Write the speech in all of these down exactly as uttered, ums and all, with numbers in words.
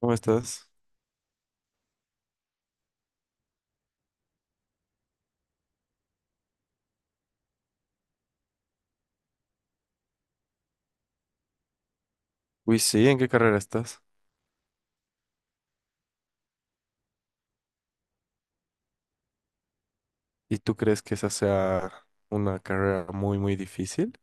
¿Cómo estás? Uy, sí, ¿en qué carrera estás? ¿Y tú crees que esa sea una carrera muy, muy difícil?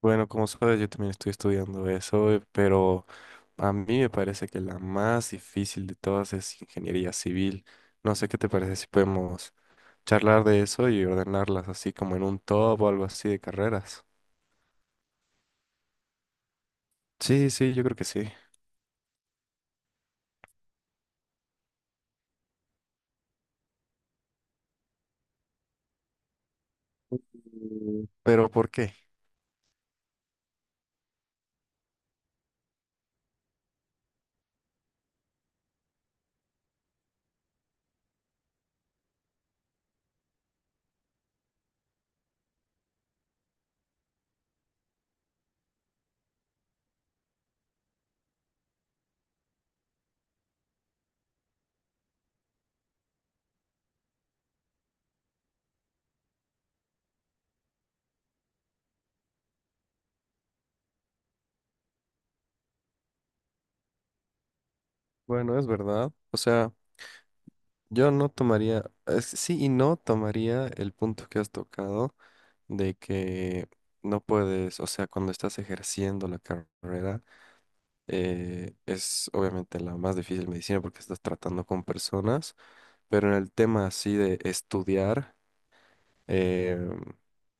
Bueno, como sabes, yo también estoy estudiando eso, eh, pero a mí me parece que la más difícil de todas es ingeniería civil. No sé qué te parece si podemos charlar de eso y ordenarlas así como en un top o algo así de carreras. Sí, sí, yo creo que sí. Mm, ¿Pero por qué? Bueno, es verdad. O sea, yo no tomaría, es- sí y no tomaría el punto que has tocado. de que no puedes, o sea, cuando estás ejerciendo la carrera, eh, es obviamente la más difícil medicina porque estás tratando con personas, pero en el tema así de estudiar, eh,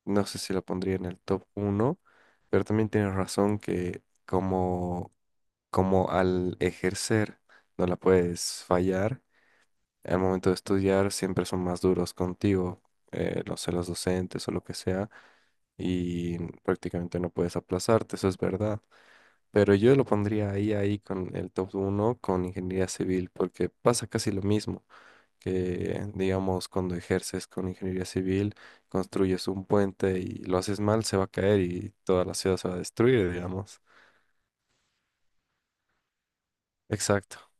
no sé si la pondría en el top uno, pero también tienes razón que como, como al ejercer no la puedes fallar, al momento de estudiar siempre son más duros contigo, eh, no sé, los docentes o lo que sea, y prácticamente no puedes aplazarte, eso es verdad. Pero yo lo pondría ahí, ahí con el top uno con ingeniería civil, porque pasa casi lo mismo que, digamos, cuando ejerces con ingeniería civil, construyes un puente y lo haces mal, se va a caer y toda la ciudad se va a destruir, digamos. Exacto.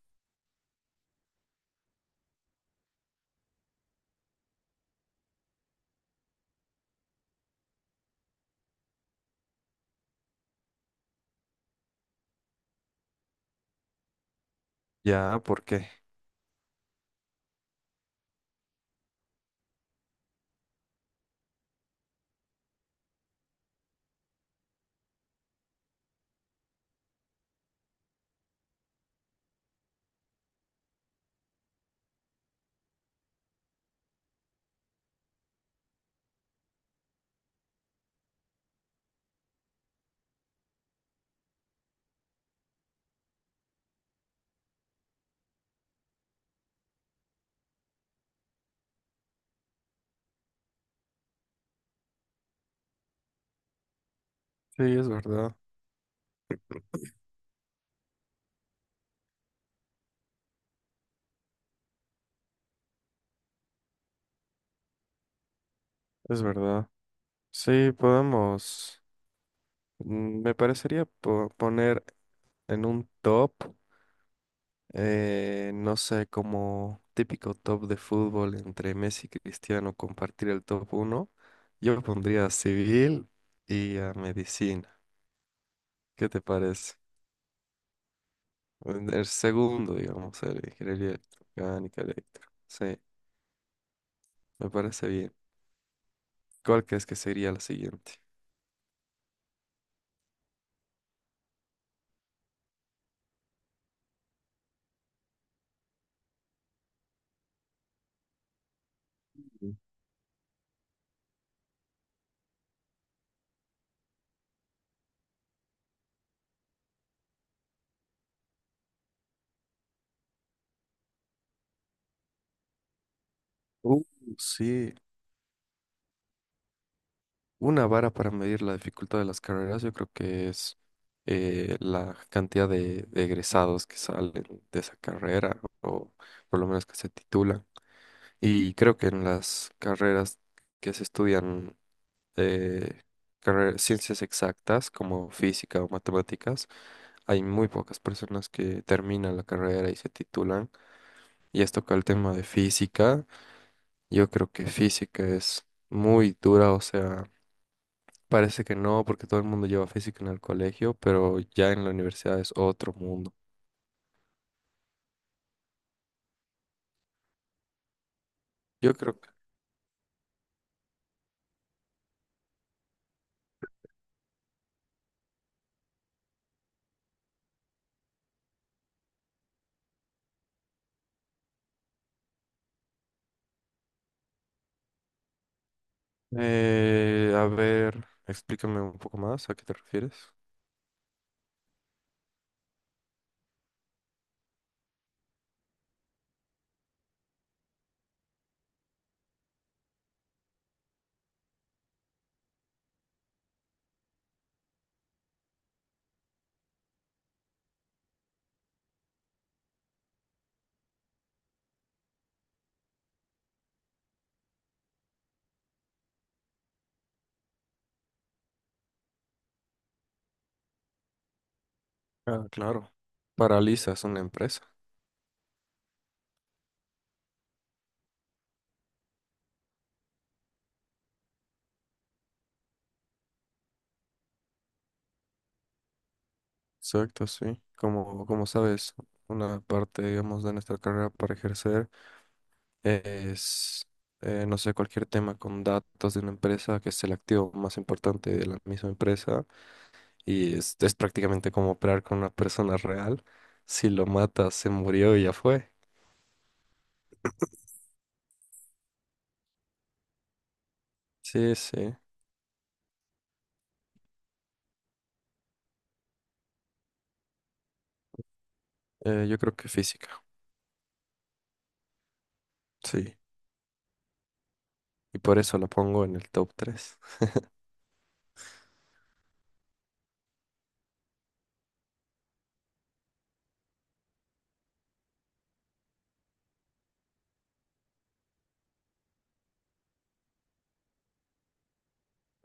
Ya, ¿por qué? Sí, es verdad, es verdad. Sí, podemos. mm, Me parecería po- poner en un top. Eh, no sé, como típico top de fútbol entre Messi y Cristiano, compartir el top uno. Yo pondría a civil y a medicina. ¿Qué te parece? En El segundo, digamos, el ingeniería electromecánica, electro. Sí, me parece bien. ¿Cuál crees que sería la siguiente? Mm. Uh, sí. Una vara para medir la dificultad de las carreras, yo creo que es eh, la cantidad de, de egresados que salen de esa carrera o por lo menos que se titulan. Y creo que en las carreras que se estudian, eh, carre- ciencias exactas como física o matemáticas, hay muy pocas personas que terminan la carrera y se titulan. Y has tocado el tema de física. Yo creo que física es muy dura, o sea... Parece que no, porque todo el mundo lleva física en el colegio, pero ya en la universidad es otro mundo. Yo creo que... Eh, a ver, explícame un poco más, ¿a qué te refieres? Ah, claro. Paraliza, es una empresa. Exacto, sí. Como, como sabes, una parte, digamos, de nuestra carrera para ejercer es, eh, no sé, cualquier tema con datos de una empresa, que es el activo más importante de la misma empresa. Y es, es prácticamente como operar con una persona real. Si lo matas, se murió y ya fue. Sí, sí. Eh, yo creo que física, sí. Y por eso la pongo en el top tres.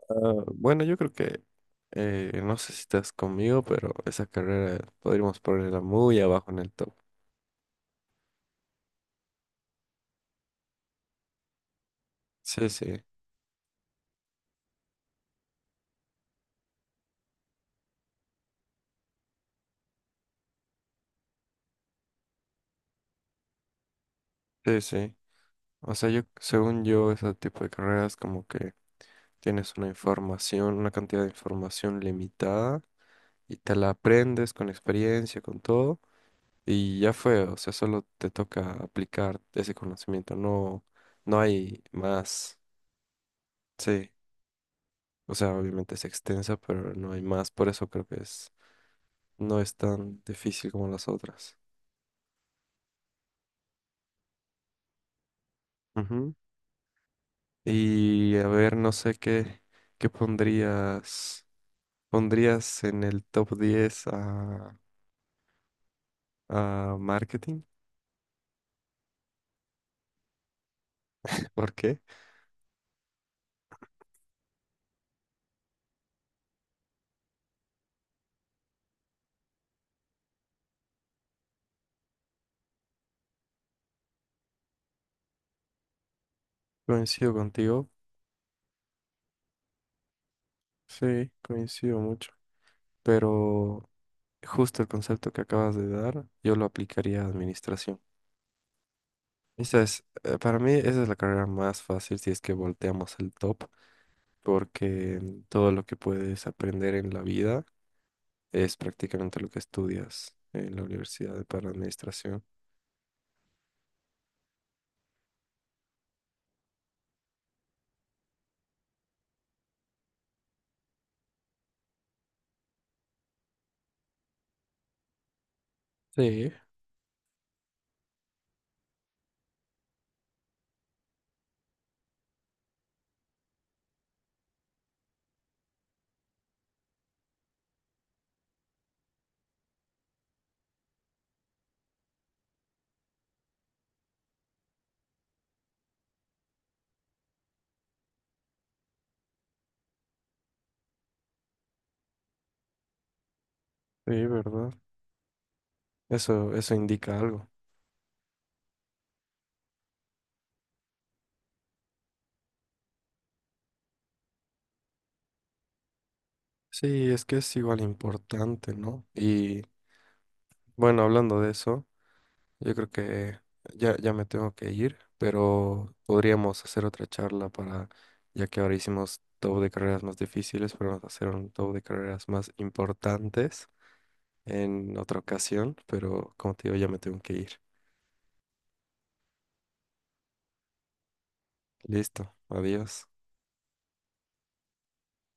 Ah, bueno, yo creo que, eh, no sé si estás conmigo, pero esa carrera podríamos ponerla muy abajo en el top. Sí, sí, sí, sí. O sea, yo, según yo, ese tipo de carreras como que tienes una información, una cantidad de información limitada y te la aprendes con experiencia, con todo. Y ya fue, o sea, solo te toca aplicar ese conocimiento, no, no hay más. Sí, o sea, obviamente es extensa, pero no hay más, por eso creo que es, no es tan difícil como las otras. Ujú. Y a ver, no sé qué, qué pondrías, pondrías en el top diez a, a marketing. ¿Por qué? Coincido contigo, sí, coincido mucho, pero justo el concepto que acabas de dar, yo lo aplicaría a administración. Esa es, eh, para mí, esa es la carrera más fácil si es que volteamos el top, porque todo lo que puedes aprender en la vida es prácticamente lo que estudias en la universidad para administración. Sí, sí, ¿verdad? Eso, eso indica algo. Sí, es que es igual importante, ¿no? Y bueno, hablando de eso. Yo creo que ya, ya me tengo que ir, pero podríamos hacer otra charla para, ya que ahora hicimos top de carreras más difíciles, podemos hacer un top de carreras más importantes en otra ocasión, pero como te digo, ya me tengo que ir. Listo, adiós.